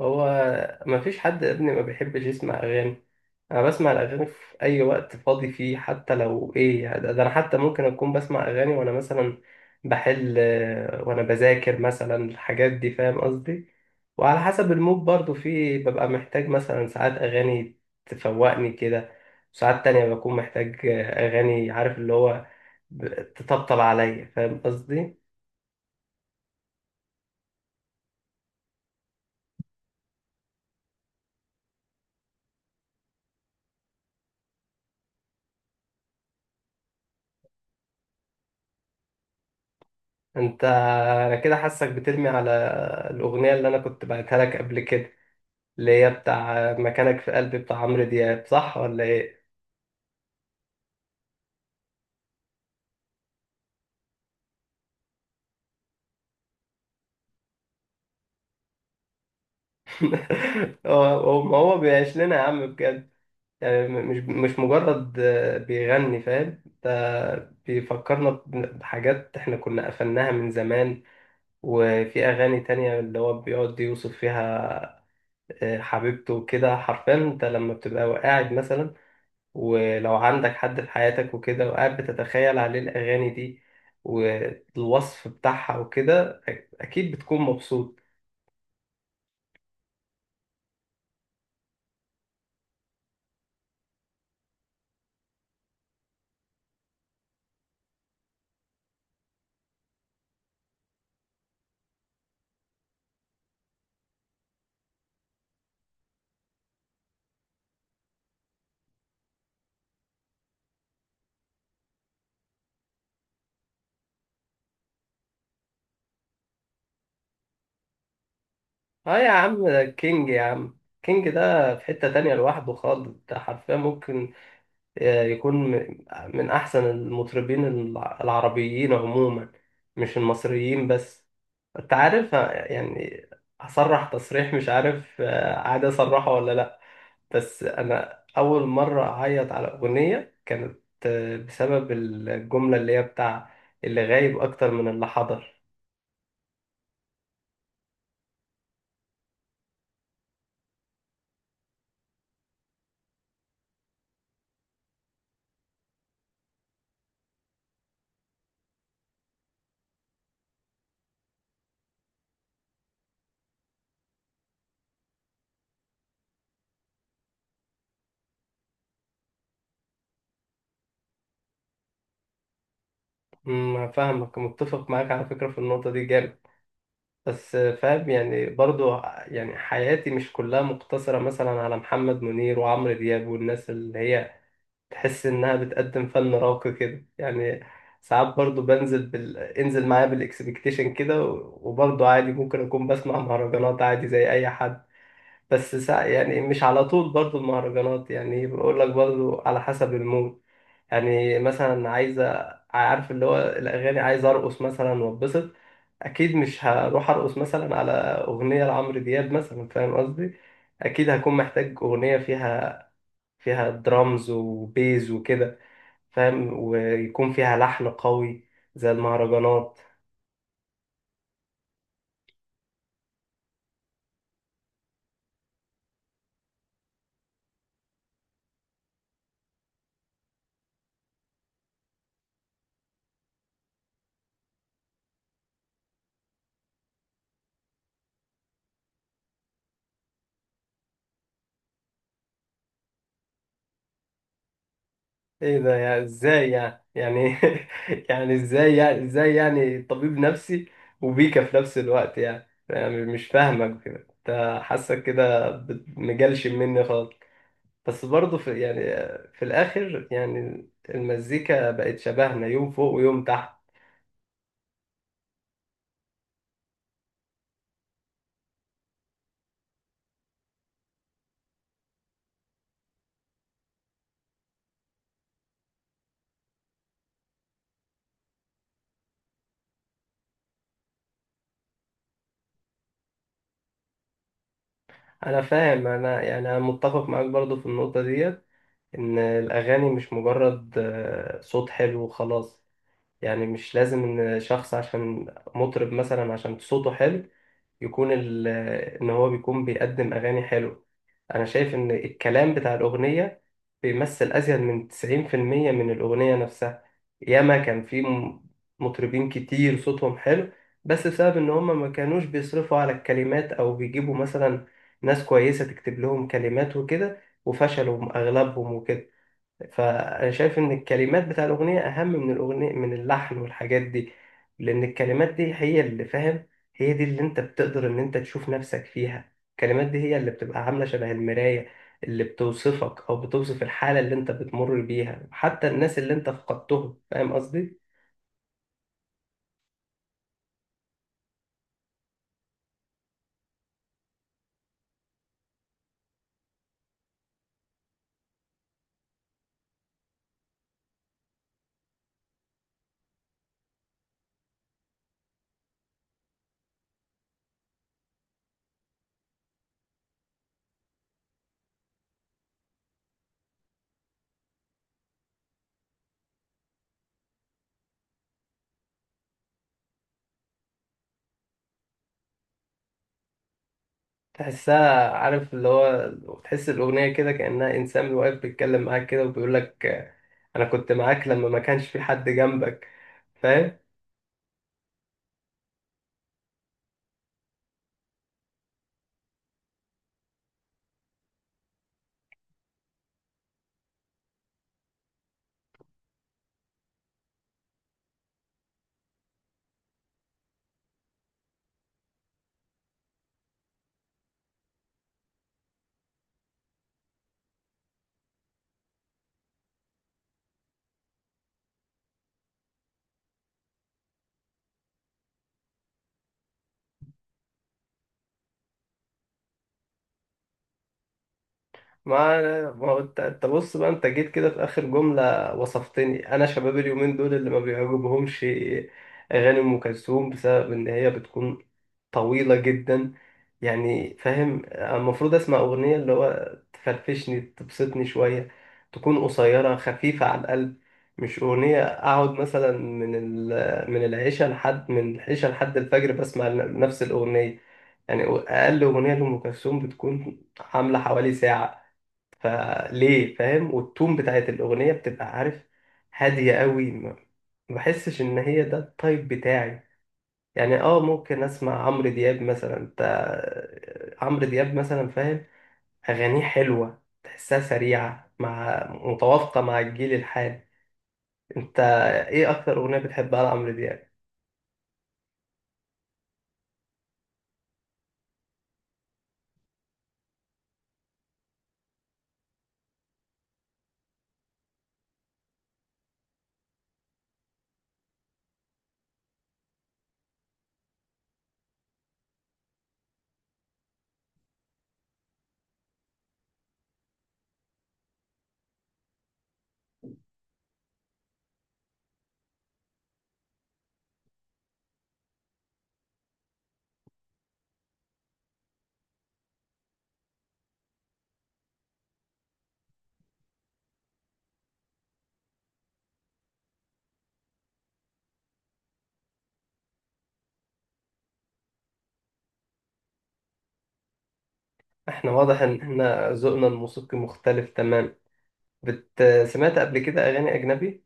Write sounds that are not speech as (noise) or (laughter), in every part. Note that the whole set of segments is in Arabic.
هو، ما فيش حد يا ابني ما بيحبش يسمع اغاني. انا بسمع الاغاني في اي وقت فاضي فيه، حتى لو ايه يعني، ده انا حتى ممكن اكون بسمع اغاني وانا مثلا بحل، وانا بذاكر مثلا الحاجات دي، فاهم قصدي. وعلى حسب المود برضو، في ببقى محتاج مثلا ساعات اغاني تفوقني كده، وساعات تانية بكون محتاج اغاني، عارف اللي هو تطبطب عليا، فاهم قصدي. انت انا كده حاسك بترمي على الاغنية اللي انا كنت بعتها لك قبل كده، اللي هي بتاع مكانك في قلبي بتاع عمرو دياب، صح ولا ايه؟ (laughs) ما هو بيعيش لنا يا عم بجد، يعني مش مجرد بيغني، فاهم؟ ده بيفكرنا بحاجات احنا كنا قفلناها من زمان. وفي اغاني تانية اللي هو بيقعد يوصف فيها حبيبته وكده. حرفيا انت لما بتبقى قاعد مثلا، ولو عندك حد في حياتك وكده وقاعد بتتخيل عليه الأغاني دي والوصف بتاعها وكده، أكيد بتكون مبسوط. اه يا عم، ده كينج يا عم. كينج ده في حتة تانية لوحده خالص. ده حرفيا ممكن يكون من أحسن المطربين العربيين عموما، مش المصريين بس. أنت عارف، يعني، هصرح تصريح مش عارف عادي أصرحه ولا لأ، بس انا اول مره اعيط على اغنيه كانت بسبب الجمله اللي هي بتاع اللي غايب اكتر من اللي حضر. فاهمك، متفق معاك على فكره في النقطه دي جامد، بس فاهم يعني برضو. يعني حياتي مش كلها مقتصره مثلا على محمد منير وعمرو دياب والناس اللي هي تحس انها بتقدم فن راقي كده يعني. ساعات برضو بنزل انزل معايا بالاكسبكتيشن كده، وبرضو عادي ممكن اكون بسمع مهرجانات عادي زي اي حد، بس يعني مش على طول برضو المهرجانات، يعني بقول لك برضو على حسب المود. يعني مثلا عارف اللي هو الأغاني، عايز أرقص مثلا وأتبسط. أكيد مش هروح أرقص مثلا على أغنية لعمرو دياب مثلا، فاهم قصدي. أكيد هكون محتاج أغنية فيها درامز وبيز وكده، فاهم، ويكون فيها لحن قوي زي المهرجانات. ايه ده، يعني ازاي؟ يعني (laughs) يعني ازاي يعني ازاي يعني طبيب نفسي وبيكا في نفس الوقت؟ يعني مش فاهمك كده، انت حاسك كده مجلشم مني خالص. بس برضه في يعني، في الاخر يعني المزيكا بقت شبهنا، يوم فوق ويوم تحت. انا فاهم، انا يعني انا متفق معاك برضه في النقطة ديت، ان الاغاني مش مجرد صوت حلو وخلاص. يعني مش لازم ان شخص عشان مطرب مثلا عشان صوته حلو يكون ان هو بيكون بيقدم اغاني حلو. انا شايف ان الكلام بتاع الاغنيه بيمثل ازيد من 90% من الاغنيه نفسها. ياما كان في مطربين كتير صوتهم حلو، بس بسبب ان هم ما كانوش بيصرفوا على الكلمات او بيجيبوا مثلا ناس كويسه تكتب لهم كلمات وكده، وفشلوا اغلبهم وكده. فانا شايف ان الكلمات بتاع الاغنيه اهم من الاغنيه، من اللحن والحاجات دي، لان الكلمات دي هي اللي، فاهم، هي دي اللي انت بتقدر ان انت تشوف نفسك فيها. الكلمات دي هي اللي بتبقى عامله شبه المرايه اللي بتوصفك او بتوصف الحاله اللي انت بتمر بيها، حتى الناس اللي انت فقدتهم، فاهم قصدي. تحسها، عارف اللي هو، تحس الاغنيه كده كانها انسان واقف بيتكلم معاك كده وبيقول لك انا كنت معاك لما ما كانش في حد جنبك، فاهم؟ ما ما هو انت، انت بص بقى، انت جيت كده في اخر جمله وصفتني انا شباب اليومين دول اللي ما بيعجبهمش اغاني ام كلثوم بسبب ان هي بتكون طويله جدا. يعني فاهم، المفروض اسمع اغنيه اللي هو تفرفشني، تبسطني شويه، تكون قصيره خفيفه على القلب، مش اغنيه اقعد مثلا من من العشاء لحد الفجر بسمع نفس الاغنيه. يعني اقل اغنيه لام كلثوم بتكون عامله حوالي ساعه، فليه؟ فاهم، والتون بتاعت الأغنية بتبقى، عارف، هادية قوي. ما بحسش إن هي ده التايب بتاعي. يعني اه، ممكن اسمع عمرو دياب مثلا. انت عمرو دياب مثلا، فاهم، اغانيه حلوه، تحسها سريعه، مع متوافقه مع الجيل الحالي. انت ايه اكتر اغنيه بتحبها لعمرو دياب؟ احنا واضح ان احنا ذوقنا الموسيقي مختلف تمام. سمعت قبل كده اغاني اجنبي؟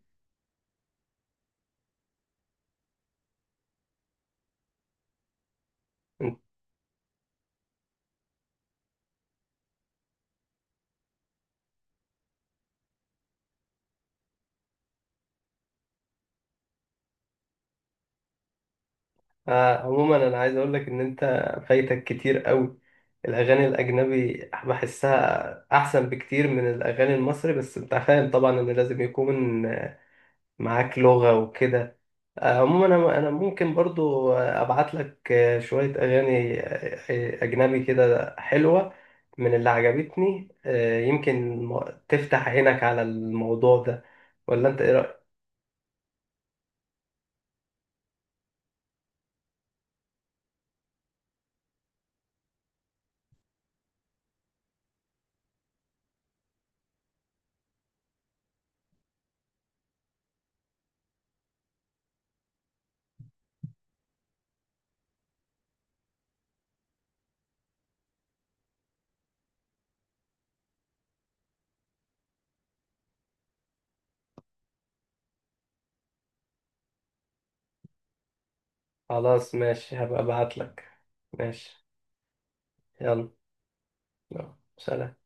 آه، عموما انا عايز اقول لك ان انت فايتك كتير قوي الاغاني الاجنبي، بحسها احسن بكتير من الاغاني المصري، بس انت فاهم طبعا ان لازم يكون معاك لغة وكده. آه، عموما أنا ممكن برضو ابعت لك شوية اغاني اجنبي كده حلوة من اللي عجبتني. آه، يمكن تفتح عينك على الموضوع ده، ولا انت ايه رأيك؟ خلاص ماشي، هبقى ابعت لك. ماشي. يلا. يلا. سلام.